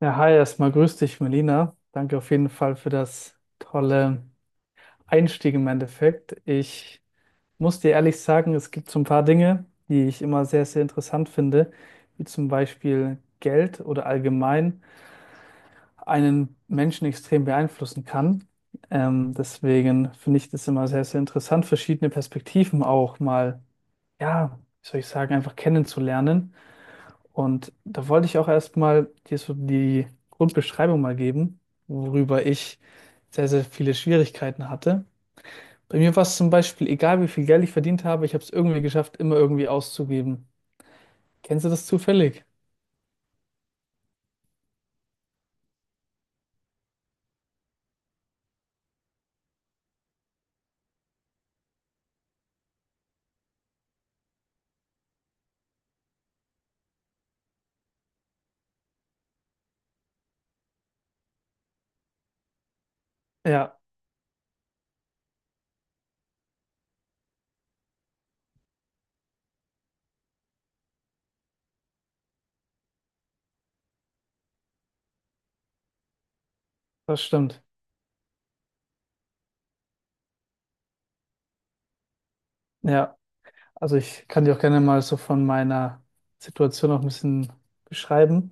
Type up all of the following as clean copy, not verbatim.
Ja, hi, erstmal grüß dich, Melina. Danke auf jeden Fall für das tolle Einstieg im Endeffekt. Ich muss dir ehrlich sagen, es gibt so ein paar Dinge, die ich immer sehr, sehr interessant finde, wie zum Beispiel Geld oder allgemein einen Menschen extrem beeinflussen kann. Deswegen finde ich das immer sehr, sehr interessant, verschiedene Perspektiven auch mal, ja, wie soll ich sagen, einfach kennenzulernen. Und da wollte ich auch erstmal dir so die Grundbeschreibung mal geben, worüber ich sehr, sehr viele Schwierigkeiten hatte. Bei mir war es zum Beispiel, egal wie viel Geld ich verdient habe, ich habe es irgendwie geschafft, immer irgendwie auszugeben. Kennst du das zufällig? Ja, das stimmt. Ja. Also ich kann dir auch gerne mal so von meiner Situation auch ein bisschen beschreiben.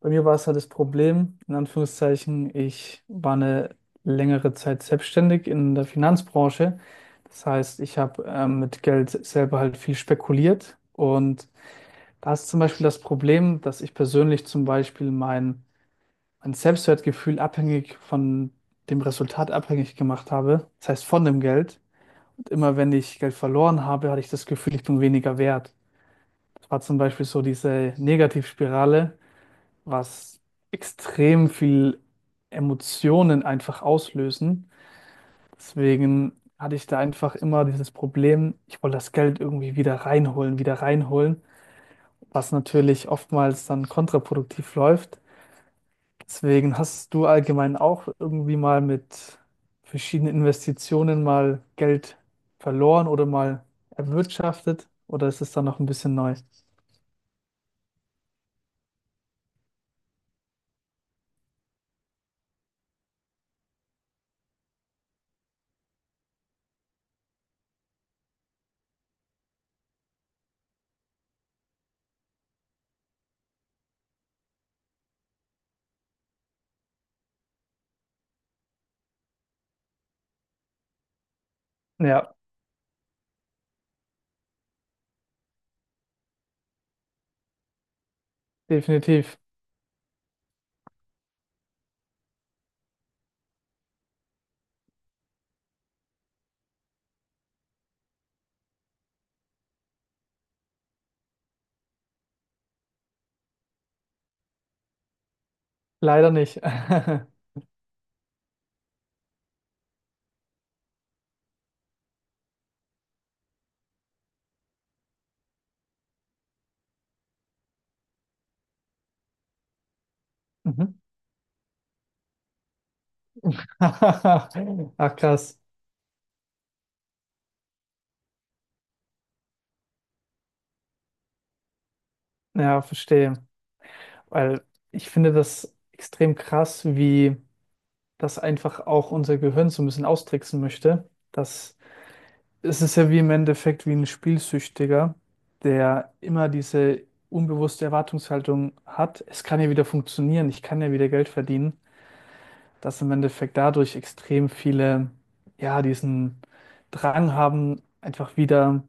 Bei mir war es halt das Problem, in Anführungszeichen, ich war eine längere Zeit selbstständig in der Finanzbranche. Das heißt, ich habe mit Geld selber halt viel spekuliert. Und da ist zum Beispiel das Problem, dass ich persönlich zum Beispiel mein Selbstwertgefühl abhängig von dem Resultat abhängig gemacht habe. Das heißt, von dem Geld. Und immer wenn ich Geld verloren habe, hatte ich das Gefühl, ich bin weniger wert. Es war zum Beispiel so diese Negativspirale, was extrem viel Emotionen einfach auslösen. Deswegen hatte ich da einfach immer dieses Problem, ich wollte das Geld irgendwie wieder reinholen, was natürlich oftmals dann kontraproduktiv läuft. Deswegen hast du allgemein auch irgendwie mal mit verschiedenen Investitionen mal Geld verloren oder mal erwirtschaftet oder ist es dann noch ein bisschen neu? Ja, definitiv. Leider nicht. Mhm. Ach krass. Ja, verstehe. Weil ich finde das extrem krass, wie das einfach auch unser Gehirn so ein bisschen austricksen möchte. Das, es ist ja wie im Endeffekt wie ein Spielsüchtiger, der immer diese unbewusste Erwartungshaltung hat, es kann ja wieder funktionieren, ich kann ja wieder Geld verdienen, dass im Endeffekt dadurch extrem viele, ja, diesen Drang haben, einfach wieder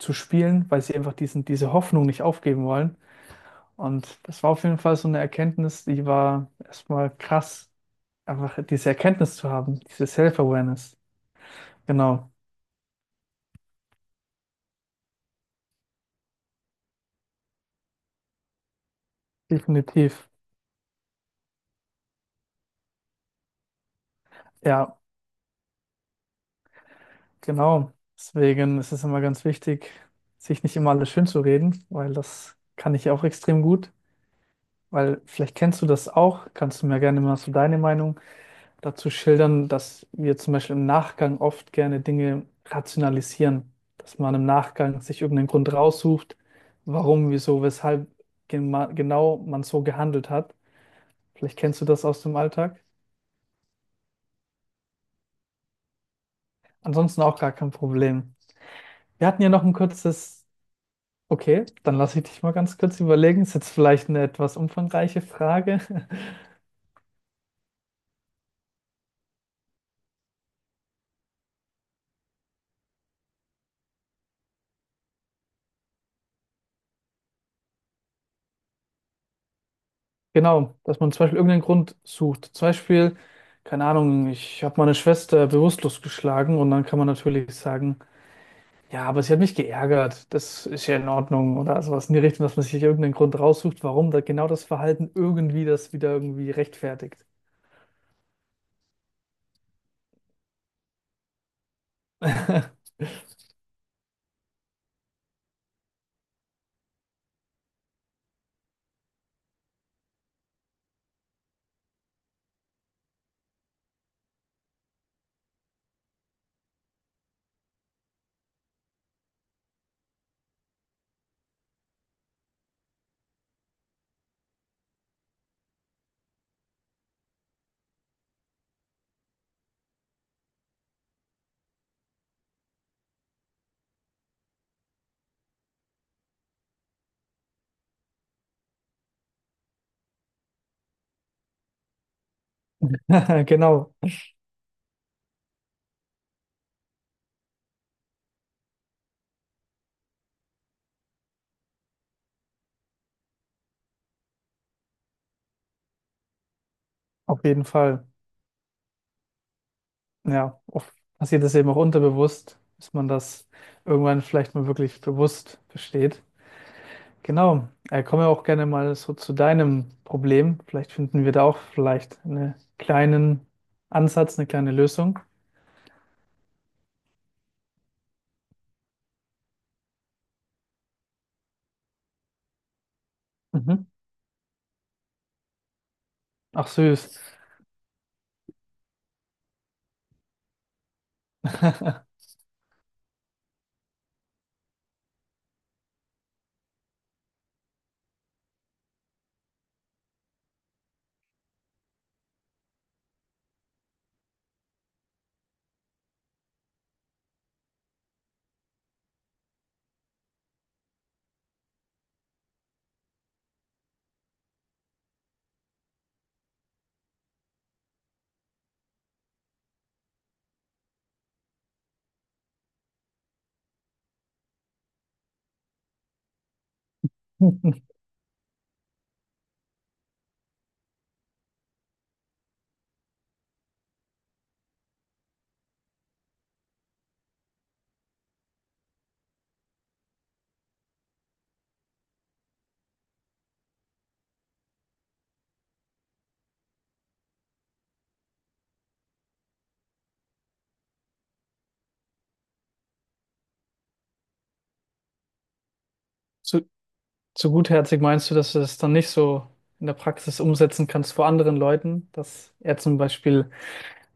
zu spielen, weil sie einfach diese Hoffnung nicht aufgeben wollen. Und das war auf jeden Fall so eine Erkenntnis, die war erstmal krass, einfach diese Erkenntnis zu haben, diese Self-Awareness. Genau, definitiv. Ja, genau. Deswegen ist es immer ganz wichtig, sich nicht immer alles schön zu reden, weil das kann ich auch extrem gut. Weil vielleicht kennst du das auch, kannst du mir gerne mal so deine Meinung dazu schildern, dass wir zum Beispiel im Nachgang oft gerne Dinge rationalisieren, dass man im Nachgang sich irgendeinen Grund raussucht, warum, wieso, weshalb genau man so gehandelt hat. Vielleicht kennst du das aus dem Alltag. Ansonsten auch gar kein Problem. Wir hatten ja noch ein kurzes, okay, dann lasse ich dich mal ganz kurz überlegen. Ist jetzt vielleicht eine etwas umfangreiche Frage. Genau, dass man zum Beispiel irgendeinen Grund sucht. Zum Beispiel, keine Ahnung, ich habe meine Schwester bewusstlos geschlagen und dann kann man natürlich sagen, ja, aber sie hat mich geärgert. Das ist ja in Ordnung oder sowas in die Richtung, dass man sich irgendeinen Grund raussucht, warum da genau das Verhalten irgendwie das wieder irgendwie rechtfertigt. Genau, auf jeden Fall. Ja, oft passiert das eben auch unterbewusst, dass man das irgendwann vielleicht mal wirklich bewusst versteht. Genau, kommen wir auch gerne mal so zu deinem Problem. Vielleicht finden wir da auch vielleicht einen kleinen Ansatz, eine kleine Lösung. Mhm. Ach süß. So, zu gutherzig meinst du, dass du das dann nicht so in der Praxis umsetzen kannst vor anderen Leuten, dass er zum Beispiel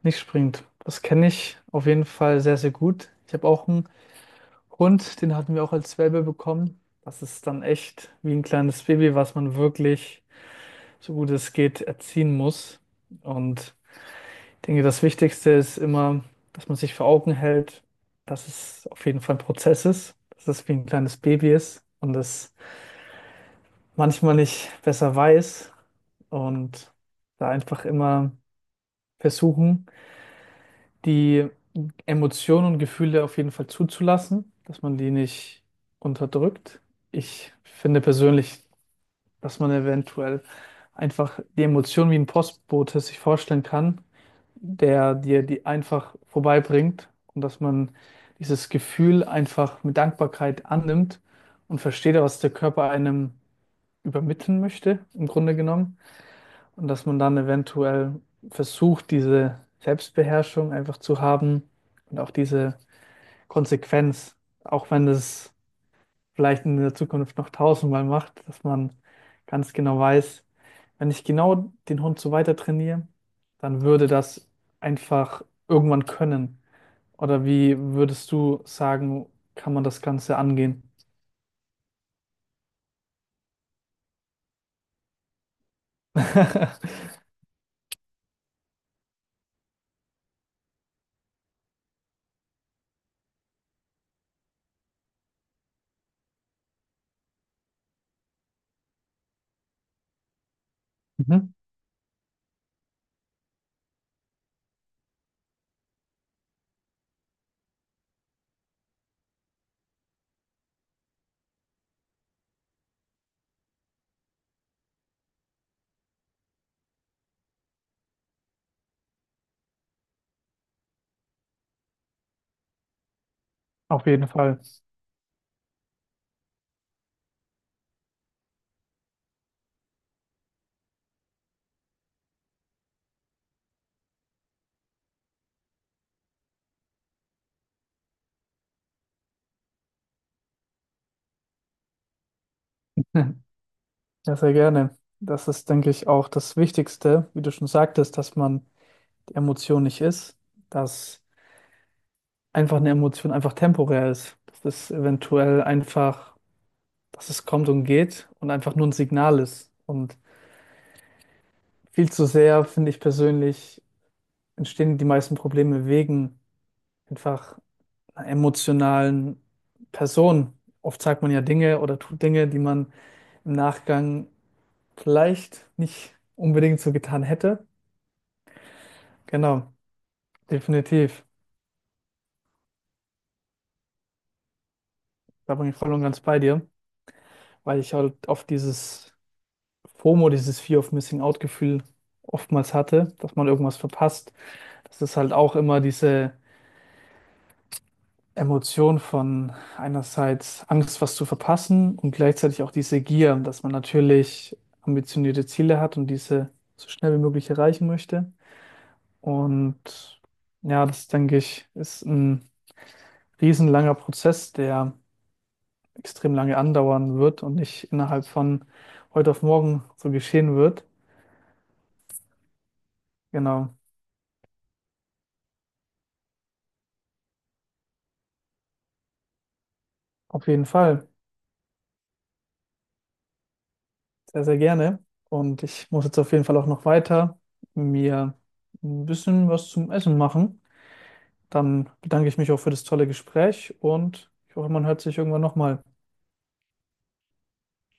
nicht springt? Das kenne ich auf jeden Fall sehr, sehr gut. Ich habe auch einen Hund, den hatten wir auch als Welpe bekommen. Das ist dann echt wie ein kleines Baby, was man wirklich, so gut es geht, erziehen muss. Und ich denke, das Wichtigste ist immer, dass man sich vor Augen hält, dass es auf jeden Fall ein Prozess ist, dass es wie ein kleines Baby ist und dass manchmal nicht besser weiß und da einfach immer versuchen, die Emotionen und Gefühle auf jeden Fall zuzulassen, dass man die nicht unterdrückt. Ich finde persönlich, dass man eventuell einfach die Emotionen wie ein Postbote sich vorstellen kann, der dir die einfach vorbeibringt und dass man dieses Gefühl einfach mit Dankbarkeit annimmt und versteht, was der Körper einem übermitteln möchte, im Grunde genommen. Und dass man dann eventuell versucht, diese Selbstbeherrschung einfach zu haben und auch diese Konsequenz, auch wenn das vielleicht in der Zukunft noch tausendmal macht, dass man ganz genau weiß, wenn ich genau den Hund so weiter trainiere, dann würde das einfach irgendwann können. Oder wie würdest du sagen, kann man das Ganze angehen? Mhm, auf jeden Fall. Ja, sehr gerne. Das ist, denke ich, auch das Wichtigste, wie du schon sagtest, dass man die Emotion nicht ist, dass einfach eine Emotion einfach temporär ist, dass es eventuell einfach, dass es kommt und geht und einfach nur ein Signal ist. Und viel zu sehr, finde ich persönlich, entstehen die meisten Probleme wegen einfach einer emotionalen Person. Oft sagt man ja Dinge oder tut Dinge, die man im Nachgang vielleicht nicht unbedingt so getan hätte. Genau. Definitiv. Da bin ich voll und ganz bei dir, weil ich halt oft dieses FOMO, dieses Fear of Missing Out Gefühl oftmals hatte, dass man irgendwas verpasst. Das ist halt auch immer diese Emotion von einerseits Angst, was zu verpassen und gleichzeitig auch diese Gier, dass man natürlich ambitionierte Ziele hat und diese so schnell wie möglich erreichen möchte. Und ja, das denke ich, ist ein riesenlanger Prozess, der extrem lange andauern wird und nicht innerhalb von heute auf morgen so geschehen wird. Genau, auf jeden Fall. Sehr, sehr gerne. Und ich muss jetzt auf jeden Fall auch noch weiter mir ein bisschen was zum Essen machen. Dann bedanke ich mich auch für das tolle Gespräch und ich hoffe, man hört sich irgendwann nochmal.